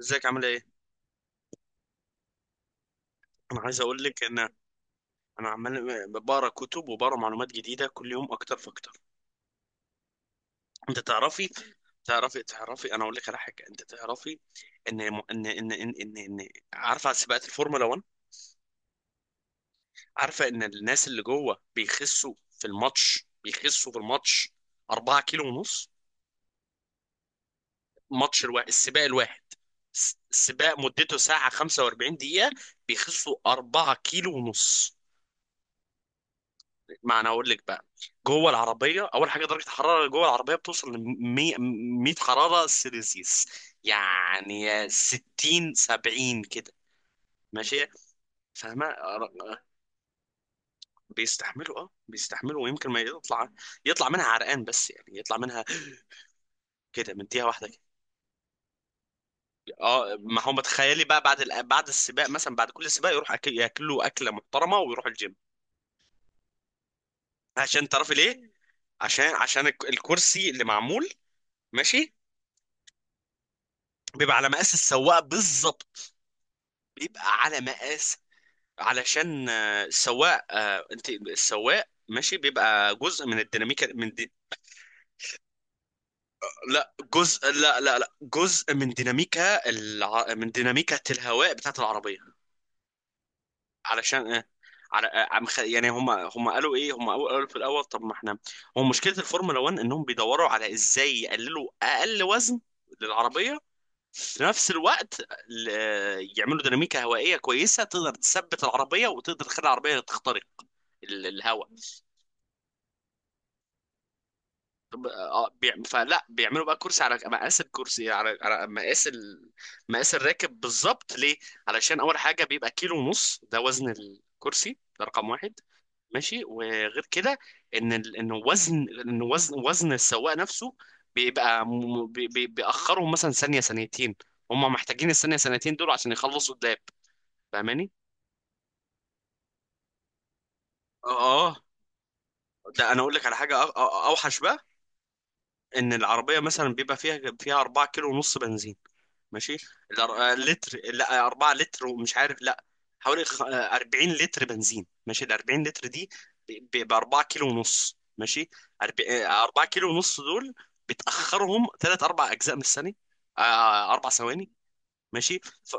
ازيك عامل ايه؟ انا عايز اقول لك انا عمال بقرا كتب وبقرا معلومات جديده كل يوم اكتر فاكتر، انت تعرفي. انا اقول لك على حاجه، انت تعرفي ان ان ان ان إن عارفه على سباقات الفورمولا 1. عارفه ان الناس اللي جوه بيخسوا في الماتش 4 كيلو ونص، الماتش الواحد، السباق الواحد. السباق مدته ساعه 45 دقيقه، بيخسوا 4 كيلو ونص. ما انا اقول لك بقى. جوه العربيه، اول حاجه درجه الحراره جوه العربيه بتوصل ل 100 حراره سيلسيوس، يعني 60 70 كده. ماشي، فاهمه؟ ر- بيستحملوا، اه بيستحملوا، ويمكن ما يطلع منها عرقان، بس يعني يطلع منها كده، مديها واحده كده. اه، ما هو متخيلي بقى بعد بعد السباق، مثلا بعد كل سباق يروح، ياكلوا اكله محترمه ويروح الجيم. عشان تعرفي ليه؟ عشان الكرسي اللي معمول ماشي بيبقى على مقاس السواق بالظبط. بيبقى على مقاس علشان السواق، انت السواق ماشي بيبقى جزء من الديناميكا، لا، جزء لا لا لا جزء من ديناميكا الهواء بتاعت العربية. علشان على يعني هم قالوا ايه، هم قالوا في الاول، طب ما احنا هو مشكلة الفورمولا 1 انهم بيدوروا على ازاي يقللوا اقل وزن للعربية، في نفس الوقت يعملوا ديناميكا هوائيه كويسه تقدر تثبت العربيه وتقدر تخلي العربيه تخترق الهواء. فلا بيعملوا بقى كرسي على مقاس الكرسي، على مقاس مقاس الراكب بالظبط. ليه؟ علشان اول حاجه بيبقى كيلو ونص، ده وزن الكرسي، ده رقم واحد. ماشي، وغير كده ان وزن السواق نفسه بيبقى بيأخرهم مثلا ثانيه، ثانيتين. هم محتاجين الثانيه ثانيتين دول عشان يخلصوا قدام. فاهماني؟ اه. آه. ده انا اقول لك على حاجه اوحش بقى. ان العربيه مثلا بيبقى فيها 4 كيلو ونص بنزين، ماشي. لتر، لا، 4 لتر، ومش عارف، لا، حوالي 40 لتر بنزين، ماشي. ال 40 لتر دي ب 4 كيلو ونص، ماشي. 4 كيلو ونص دول بتاخرهم ثلاث اربع اجزاء من الثانيه، اربع ثواني. ماشي.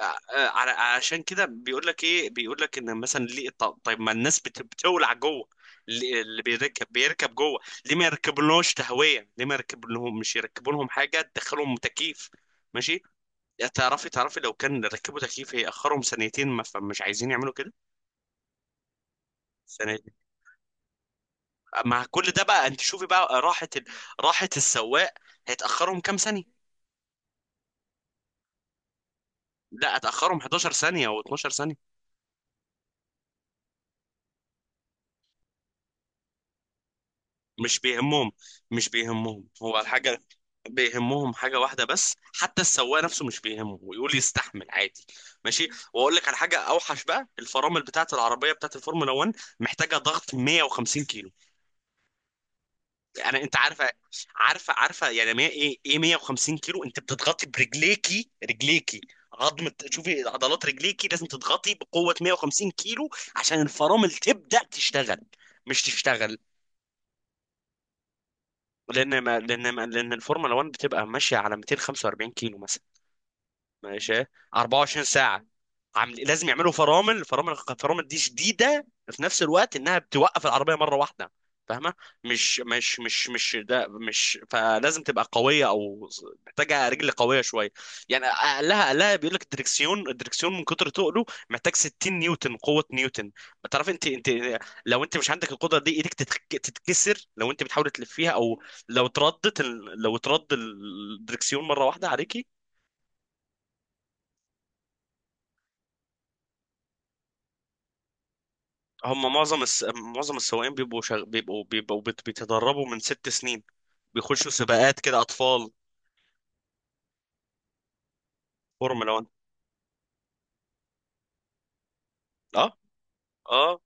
عشان كده بيقول لك ايه؟ بيقول لك ان مثلا ليه، طيب، ما الناس بتولع جوه، اللي بيركب جوه، ليه ما يركبلناش تهويه؟ ليه ما يركبلهم، مش يركبولهم حاجه تدخلهم تكييف؟ ماشي. يا تعرفي لو كان ركبوا تكييف هيأخرهم ثانيتين، ما فمش عايزين يعملوا كده. ثانيتين، مع كل ده بقى انت شوفي بقى راحه راحه السواق، هيتأخرهم كام ثانيه؟ لا، اتأخرهم 11 ثانيه او 12 ثانيه. مش بيهمهم مش بيهمهم، هو الحاجة بيهمهم حاجة واحدة بس، حتى السواق نفسه مش بيهمه، ويقول يستحمل عادي. ماشي، واقول لك على حاجة اوحش بقى. الفرامل بتاعت العربية بتاعت الفورمولا 1 محتاجة ضغط 150 كيلو. انت عارفة يعني مية ايه ايه 150 كيلو؟ انت بتضغطي برجليكي، رجليكي عظمة، شوفي عضلات رجليكي لازم تضغطي بقوة 150 كيلو عشان الفرامل تبدأ تشتغل، مش تشتغل. لان ما لان ما لان الفورمولا 1 بتبقى ماشيه على 245 كيلو مثلا، ماشي. 24 ساعة عامل لازم يعملوا فرامل، فرامل فرامل دي شديدة، في نفس الوقت انها بتوقف العربية مرة واحدة. فاهمة؟ مش ده، مش، فلازم تبقى قوية، او محتاجة رجل قوية شوية. يعني اقلها، اقلها بيقول لك الدركسيون، الدركسيون من كتر تقله محتاج 60 نيوتن قوة، نيوتن. تعرف انت لو انت مش عندك القدرة دي ايدك تتكسر لو انت بتحاول تلفيها، او لو ترد الدركسيون مرة واحدة عليكي. هم معظم السواقين بيبقوا شغ... بيبقوا بيبقوا بيت- بيتدربوا من ست سنين، بيخشوا سباقات كده اطفال، فورمولا 1. اه. اه.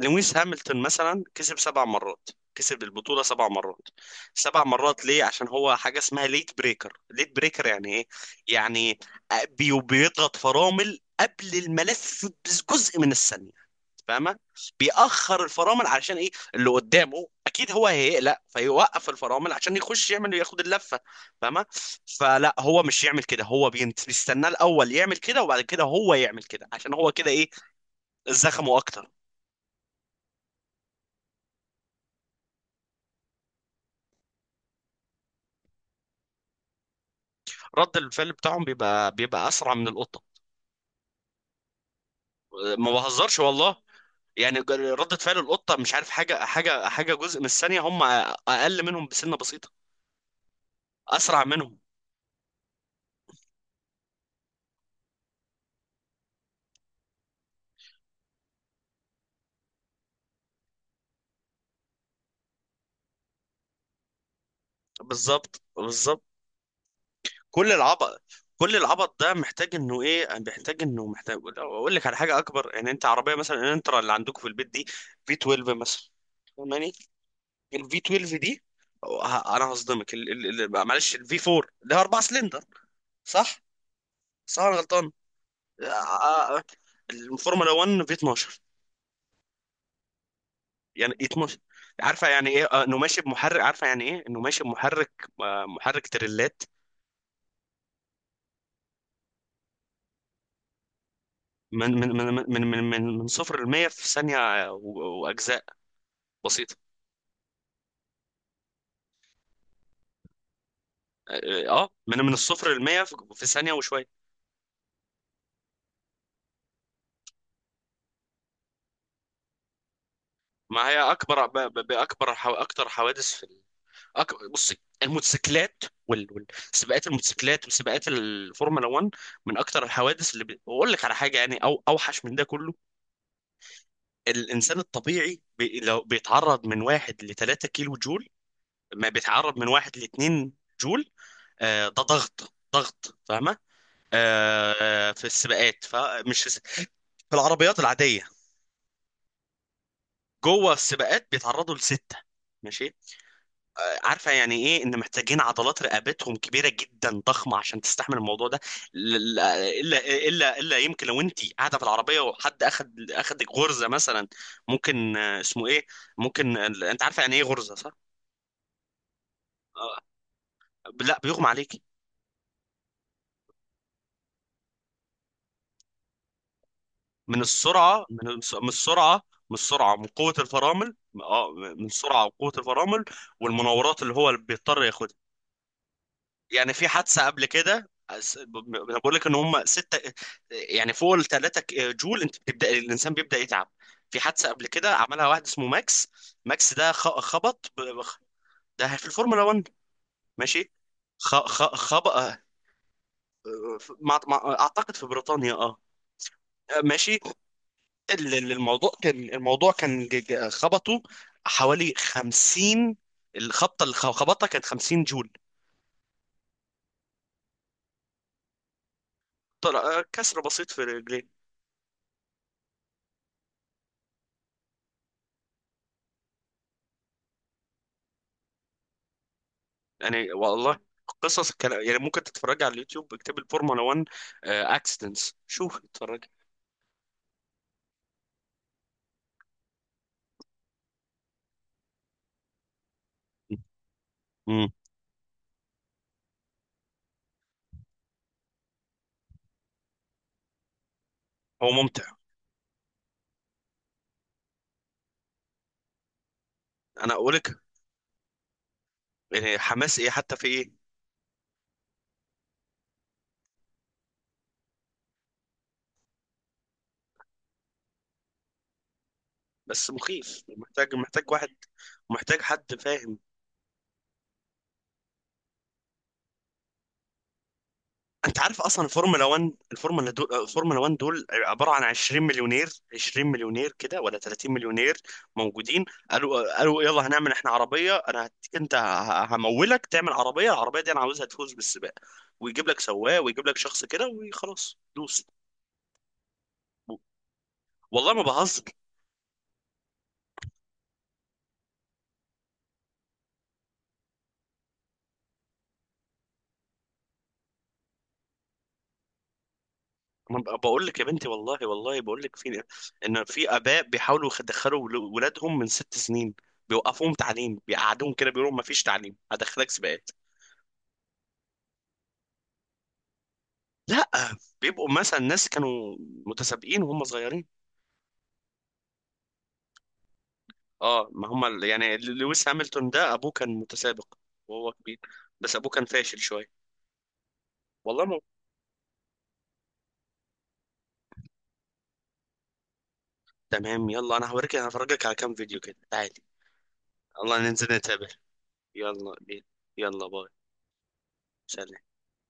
لويس هامilton مثلا كسب سبع مرات، كسب البطولة سبع مرات. سبع مرات ليه؟ عشان هو حاجة اسمها ليت بريكر. ليت بريكر يعني ايه؟ يعني بيضغط فرامل قبل الملف بجزء من الثانية. فاهمه؟ بيأخر الفرامل، علشان ايه؟ اللي قدامه اكيد هو هيقلق فيوقف الفرامل عشان يخش، يعمل، ياخد اللفه. فاهمه؟ فلا هو مش يعمل كده، هو بيستناه الاول يعمل كده، وبعد كده هو يعمل كده عشان هو كده ايه، زخمه اكتر. رد الفعل بتاعهم بيبقى اسرع من القطه. ما بهزرش والله. يعني ردة فعل القطة، مش عارف، حاجة جزء من الثانية، هم أقل منهم بسنة بسيطة، أسرع منهم. بالظبط بالظبط. كل العبط، كل العبط ده محتاج انه ايه، محتاج انه، محتاج اقول لك على حاجه اكبر. يعني انت عربيه مثلا، الانترا اللي عندك في البيت دي في 12 مثلا، فاهماني؟ الفي 12 دي، انا هصدمك، معلش، الفي 4 اللي هي 4 سلندر، صح؟ صح، انا غلطان. آه، آه، الفورمولا 1 في 12. يعني 12، عارفه يعني ايه انه ماشي بمحرك، عارفه يعني ايه انه ماشي بمحرك محرك تريلات. من صفر ل 100 في ثانيه واجزاء بسيطه. اه، من الصفر للمية في ثانية وشوية. ما هي اكبر اكتر حوادث في بصي، الموتوسيكلات سباقات الموتوسيكلات وسباقات الفورمولا 1 من اكتر الحوادث اللي واقول لك على حاجة يعني، او اوحش من ده كله. الانسان الطبيعي لو بيتعرض من واحد ل 3 كيلو جول، ما بيتعرض من واحد ل 2 جول. آه، ده ضغط، ضغط. فاهمة؟ آه. آه. في السباقات، فمش في العربيات العادية، جوه السباقات بيتعرضوا لستة، ماشي. عارفة يعني ايه ان محتاجين عضلات رقبتهم كبيرة جدا، ضخمة عشان تستحمل الموضوع ده. الا يمكن لو انت قاعدة في العربية وحد اخدك غرزة مثلا، ممكن اسمه ايه، ممكن انت عارفة يعني ايه غرزة؟ صح؟ آه، لا، بيغمى عليكي. من السرعة، من السرعة، من قوة الفرامل. اه، من السرعة وقوة الفرامل، والمناورات اللي بيضطر ياخدها. يعني في حادثة قبل كده انا بقول لك ان هم ستة يعني، فوق ال 3 جول انت بتبدا الانسان بيبدا يتعب. في حادثة قبل كده عملها واحد اسمه ماكس. ماكس ده خبط، ده في الفورمولا 1، ماشي. خبط، اعتقد في بريطانيا، اه، ماشي. الموضوع كان خبطه حوالي 50. الخبطة اللي خبطها كانت 50 جول. طلع كسر بسيط في رجليه، يعني والله قصص. كان يعني ممكن تتفرج على اليوتيوب، اكتب الفورمولا 1 اكسيدنتس، شوف، اتفرج. مم. هو ممتع. انا اقول لك يعني حماس ايه، حتى في ايه؟ بس مخيف، محتاج، واحد محتاج حد فاهم. انت عارف اصلا الفورمولا 1؟ الفورمولا 1 دول عباره عن 20 مليونير، 20 مليونير كده، ولا 30 مليونير موجودين. قالوا يلا هنعمل احنا عربيه، انا انت همولك تعمل عربيه، العربيه دي انا عاوزها تفوز بالسباق، ويجيب لك سواق ويجيب لك شخص كده وخلاص، دوس. والله ما بهزر. ما بقول لك يا بنتي، والله والله بقول لك ان في اباء بيحاولوا يدخلوا ولادهم من ست سنين، بيوقفوهم تعليم، بيقعدوهم كده، بيقولوا ما فيش تعليم، هدخلك سباق. لا، بيبقوا مثلا ناس كانوا متسابقين وهم صغيرين. اه، ما هم يعني لويس هامilton ده ابوه كان متسابق وهو كبير، بس ابوه كان فاشل شويه. والله ما. تمام يلا، انا هوريك، هفرجك على كام فيديو كده، تعالي. يلا ننزل نتقابل. يلا بينا. يلا باي. سلام.